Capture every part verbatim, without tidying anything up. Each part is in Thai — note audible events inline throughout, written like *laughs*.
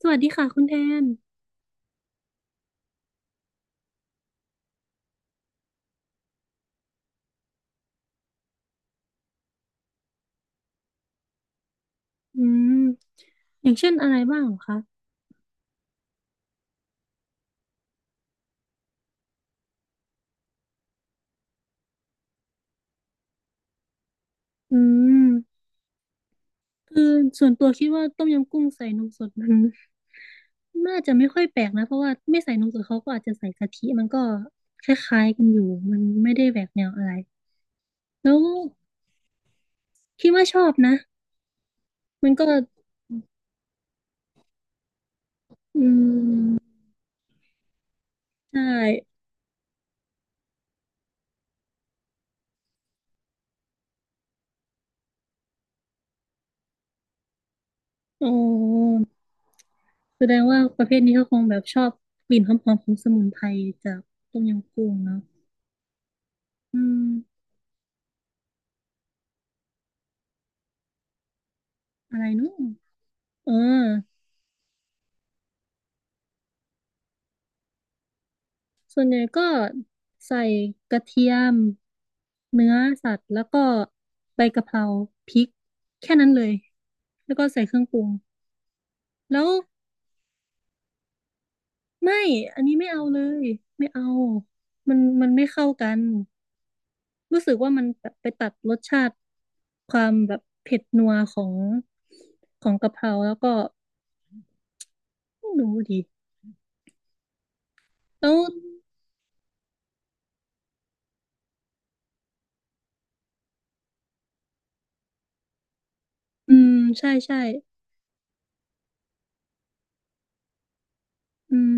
สวัสดีค่ะคุณแทนอืมอย่างเช่นอะไรบ้างเหรอคะอืมคือส่วนตัวคิดว่าต้มยำกุ้งใส่นมสดมัน *laughs* น่าจะไม่ค่อยแปลกนะเพราะว่าไม่ใส่นมสดเขาก็อาจจะใส่กะทิมันก็คล้ายๆกันอยู่มันไม่ได้แหวกแนวอะไรแล้วคิดว่าชอบนะมันก็อืมใช่โอ้แสดงว่าประเภทนี้เขาคงแบบชอบกลิ่นหอมๆของสมุนไพรจากต้มยำกุ้งเนาะอืมอะไรเนู้นเออ ส่วนใหญ่ก็ใส่กระเทียมเนื้อสัตว์แล้วก็ใบกะเพราพริกแค่นั้นเลยแล้วก็ใส่เครื่องปรุงแล้วไม่อันนี้ไม่เอาเลยไม่เอามันมันไม่เข้ากันรู้สึกว่ามันแบบไปตัดรสชาติความแบบเผ็ดนัวของของกะเพราแล้วก็ไม่รู้ดิแล้วอืมใช่ใช่ อืม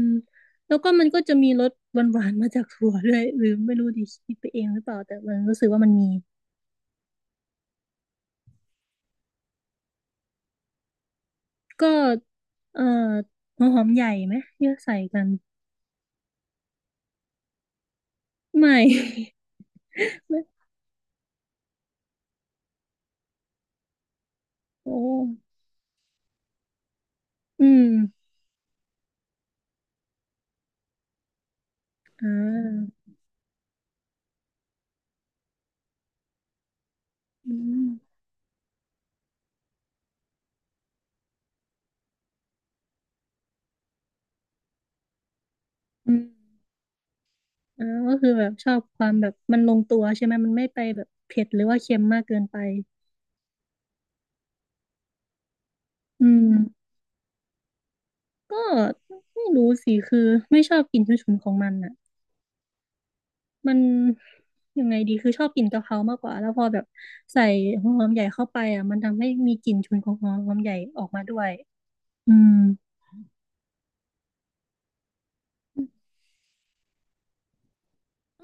แล้วก็มันก็จะมีรสหวานๆมาจากถั่วด้วยหรือไม่รู้ดิคิดไปเองหรือเปล่าแต่มันรู้สึกว่ามันมีก็เอ่อหัวหอมใหญ่ไหมเยอะใส่กันไม่ *laughs* ไม่โอ้อืมอ่าอืมอืมอ่าก็คือแบบชอบความแบบมันลงตัวใช่ไหมมันไม่ไปแบบเผ็ดหรือว่าเค็มมากเกินไปอืมก็ไม่รู้สิคือไม่ชอบกลิ่นฉุนๆของมันอ่ะ มันยังไงดีคือชอบกินกะเพรามากกว่าแล้วพอแบบใส่หัวหอมใหญ่เข้าไปอ่ะมันทำให้มีกลิ่นฉุนของหัวหอมใหญ่ออกมาด้วยอืม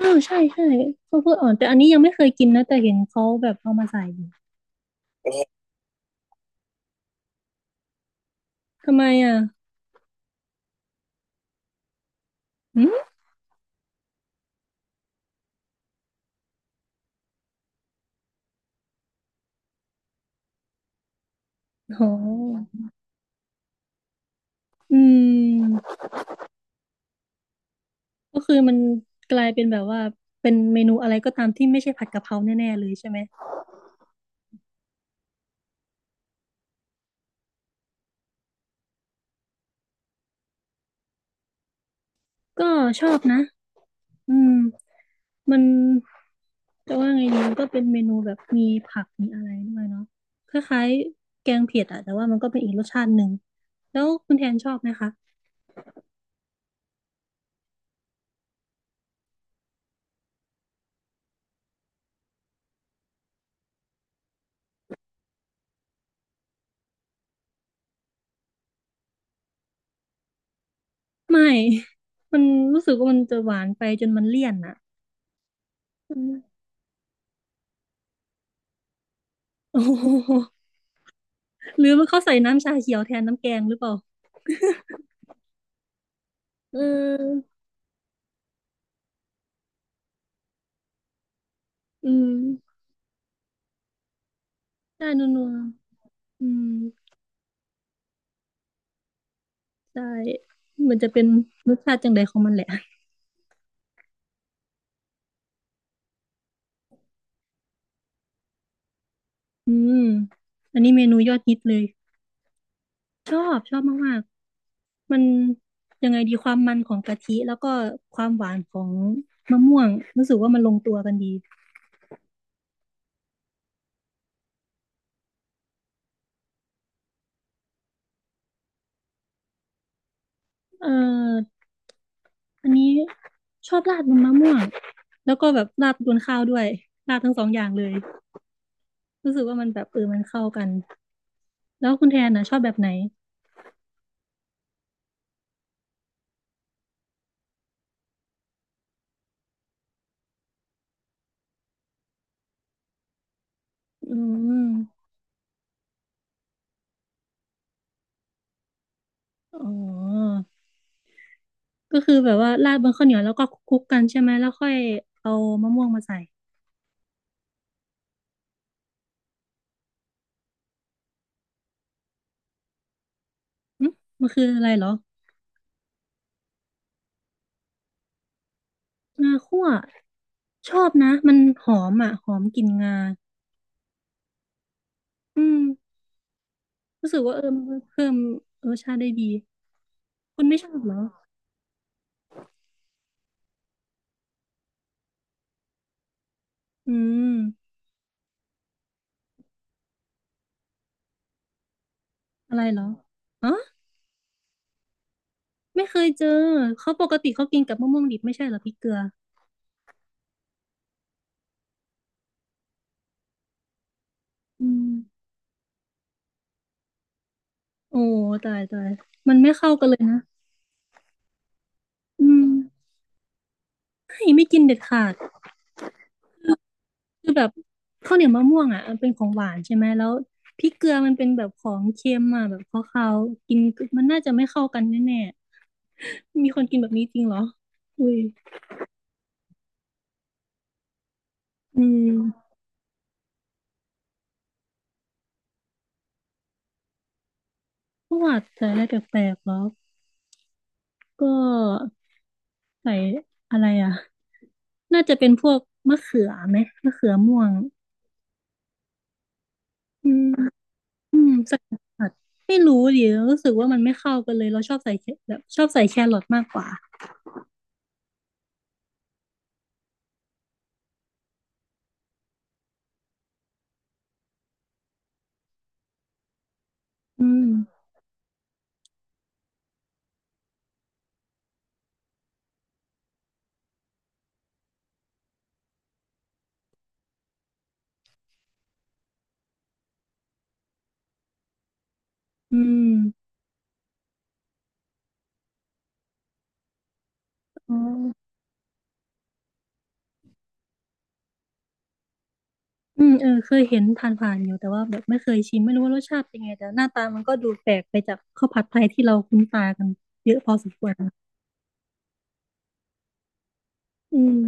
อ้าวใช่ใช่ข้าวโพดอ่อนแต่อันนี้ยังไม่เคยกินนะแต่เห็นเขาแบบเอามาใส่อยู่ทำไมอ่ะอืมโหอืมก็คือมันกลายเป็นแบบว่าเป็นเมนูอะไรก็ตามที่ไม่ใช่ผัดกะเพราแน่ๆเลยใช่ไหมก็ชอบนะ อืมมันจะว่าไงดีมันก็เป็นเมนูแบบมีผักมีอะไรด้วยเนาะคล้ายๆแกงเผ็ดอะแต่ว่ามันก็เป็นอีกรสชาติหนึ่งแล้วคุณแทนชอบไหมคะไม่ *laughs* มันรู้สึกว่ามันจะหวานไปจนมันเลี่ยนอะอืมโอ้โหหรือม่าเขาใส่น้ำชาเขียวแทนน้ำแกงหรือเปล่าเอออืมใช่นัวๆอืมใช่มันจะเป็นรสชาติจังใดของมันแหละอืมอันนี้เมนูยอดฮิตเลยชอบชอบมาก มันยังไงดีความมันของกะทิแล้วก็ความหวานของมะม่วงรู้สึกว่ามันลงตัวกันดีเอออันนี้ชอบราดบนมะม่วงแล้วก็แบบราดบนข้าวด้วยราดทั้งสองอย่างเลยรู้สึกว่ามันแบบเออมันเข้ากันแล้วคุณแทนนะชอบแบบไหนอืมอ๋อก็คือแบบว่าราดบนข้าวเหนียวแล้วก็คลุกๆกันใช่ไหมแล้วค่อยเอามะม่วงมาใส่หึมันคืออะไรเหรองาคั่วชอบนะมันหอมอ่ะหอมกลิ่นงา อืมรู้สึกว่าเออมันเพิ่มเออชาติได้ดีคุณไม่ชอบเหรออืมอะไรเหรออ๋อไม่เคยเจอเขาปกติเขากินกับมะม่วงดิบไม่ใช่เหรอพริกเกลืออืมโอ้ตายตายมันไม่เข้ากันเลยนะอืมไม่ไม่กินเด็ดขาดคือแบบข้าวเหนียวมะม่วงอ่ะมันเป็นของหวานใช่ไหมแล้วพริกเกลือมันเป็นแบบของเค็มอ่ะแบบคาวๆกินมันน่าจะไม่เข้ากันแน่ๆมีคนกินแบบนี้จริงเหรออุ้ยอืมประวัติอะไรแปลกๆเหรอ ก็ใส่อะไรอ่ะน่าจะเป็นพวกมะเขือไหมมะเขือม่วงอืมอืมใส่ผัดไม่รู้ดิรู้สึกว่ามันไม่เข้ากันเลยเราชอบใส่แคแบบชอบใส่แครอทมากกว่าอืมอืมอ๋ออืมเออเคยเห็นผ่านๆอยู่แต่ว่าแบบไม่เคยชิมไม่รู้ว่ารสชาติเป็นไงแต่หน้าตามันก็ดูแปลกไปจากข้าวผัดไทยที่เราคุ้นตากันเยอะพอสมควรนะอืม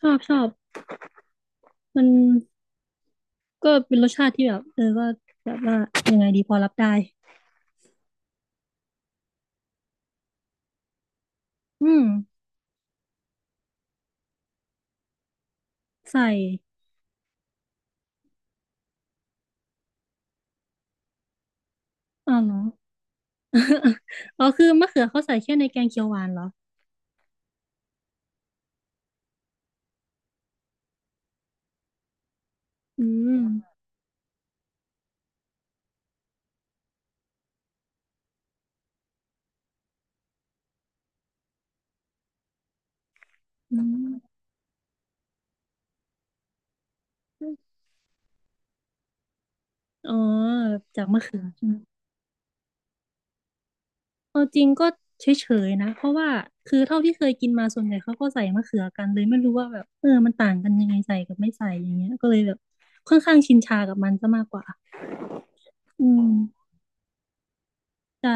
ชอบชอบมัน ก็เป็นรสชาติที่แบบเออก็แบบว่ายังไงดีพอรับได้อืมใส่อ๋อเหรอ *laughs* อ๋อคือมะเขือเขาใส่แค่ในแกงเขียวหวานเหรออืมอืมอ๋อจากมะเขือใช่ไหมเอาจริงก็เฉยๆนะเพราะว่าคือเท่าที่เคยกินมาส่วนใหญ่เขาก็ใส่มะเขือกันเลยไม่รู้ว่าแบบเออมันต่างกันยังไงใส่กับไม่ใส่อย่างเงี้ยก็เลยแบบค่อนข้างชินชากับมันซะมากกว่าอืมใช่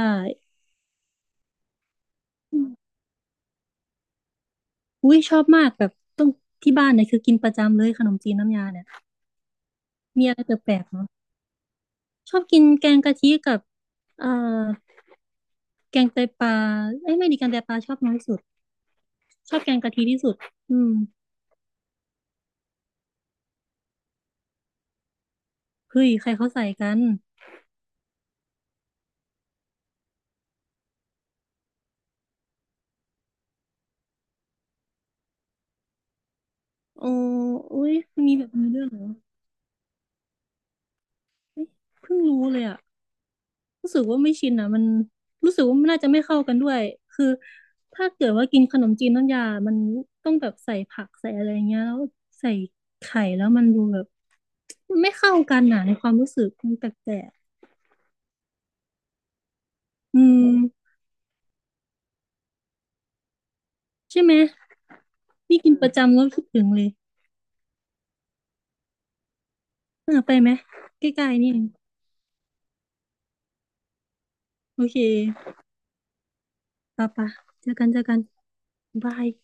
อุ้ยชอบมากแบบต้องที่บ้านเนี่ยคือกินประจำเลยขนมจีนน้ำยาเนี่ย มีอะไรแปลกๆเหรอชอบกินแกงกะทิกับเอ่อแกงไตปลาเอ้ยไม่ดีแกงไตปลาชอบน้อยสุดชอบแกงกะทิที่สุดอืมเฮ้ยใครเขาใส่กันโอ้อุ้ยมันมีแบบนี้ด้วยเหรอเอ้ยเพิ่งรู้เลยอะรู้สึกว่าไม่ชินอะมันรู้สึกว่ามันน่าจะไม่เข้ากันด้วยคือถ้าเกิดว่ากินขนมจีนน้ำยามันต้องแบบใส่ผักใส่อะไรเงี้ยแล้วใส่ไข่แล้วมันดูแบบมันไม่เข้ากันนะในความรู้สึกมันแปลกๆอืม ใช่ไหมนี่กินประจำแล้วคิดถึงเลยเออไปไหมใกล้ๆนี่เองโอเคปะปะเจอกันเจอกันบาย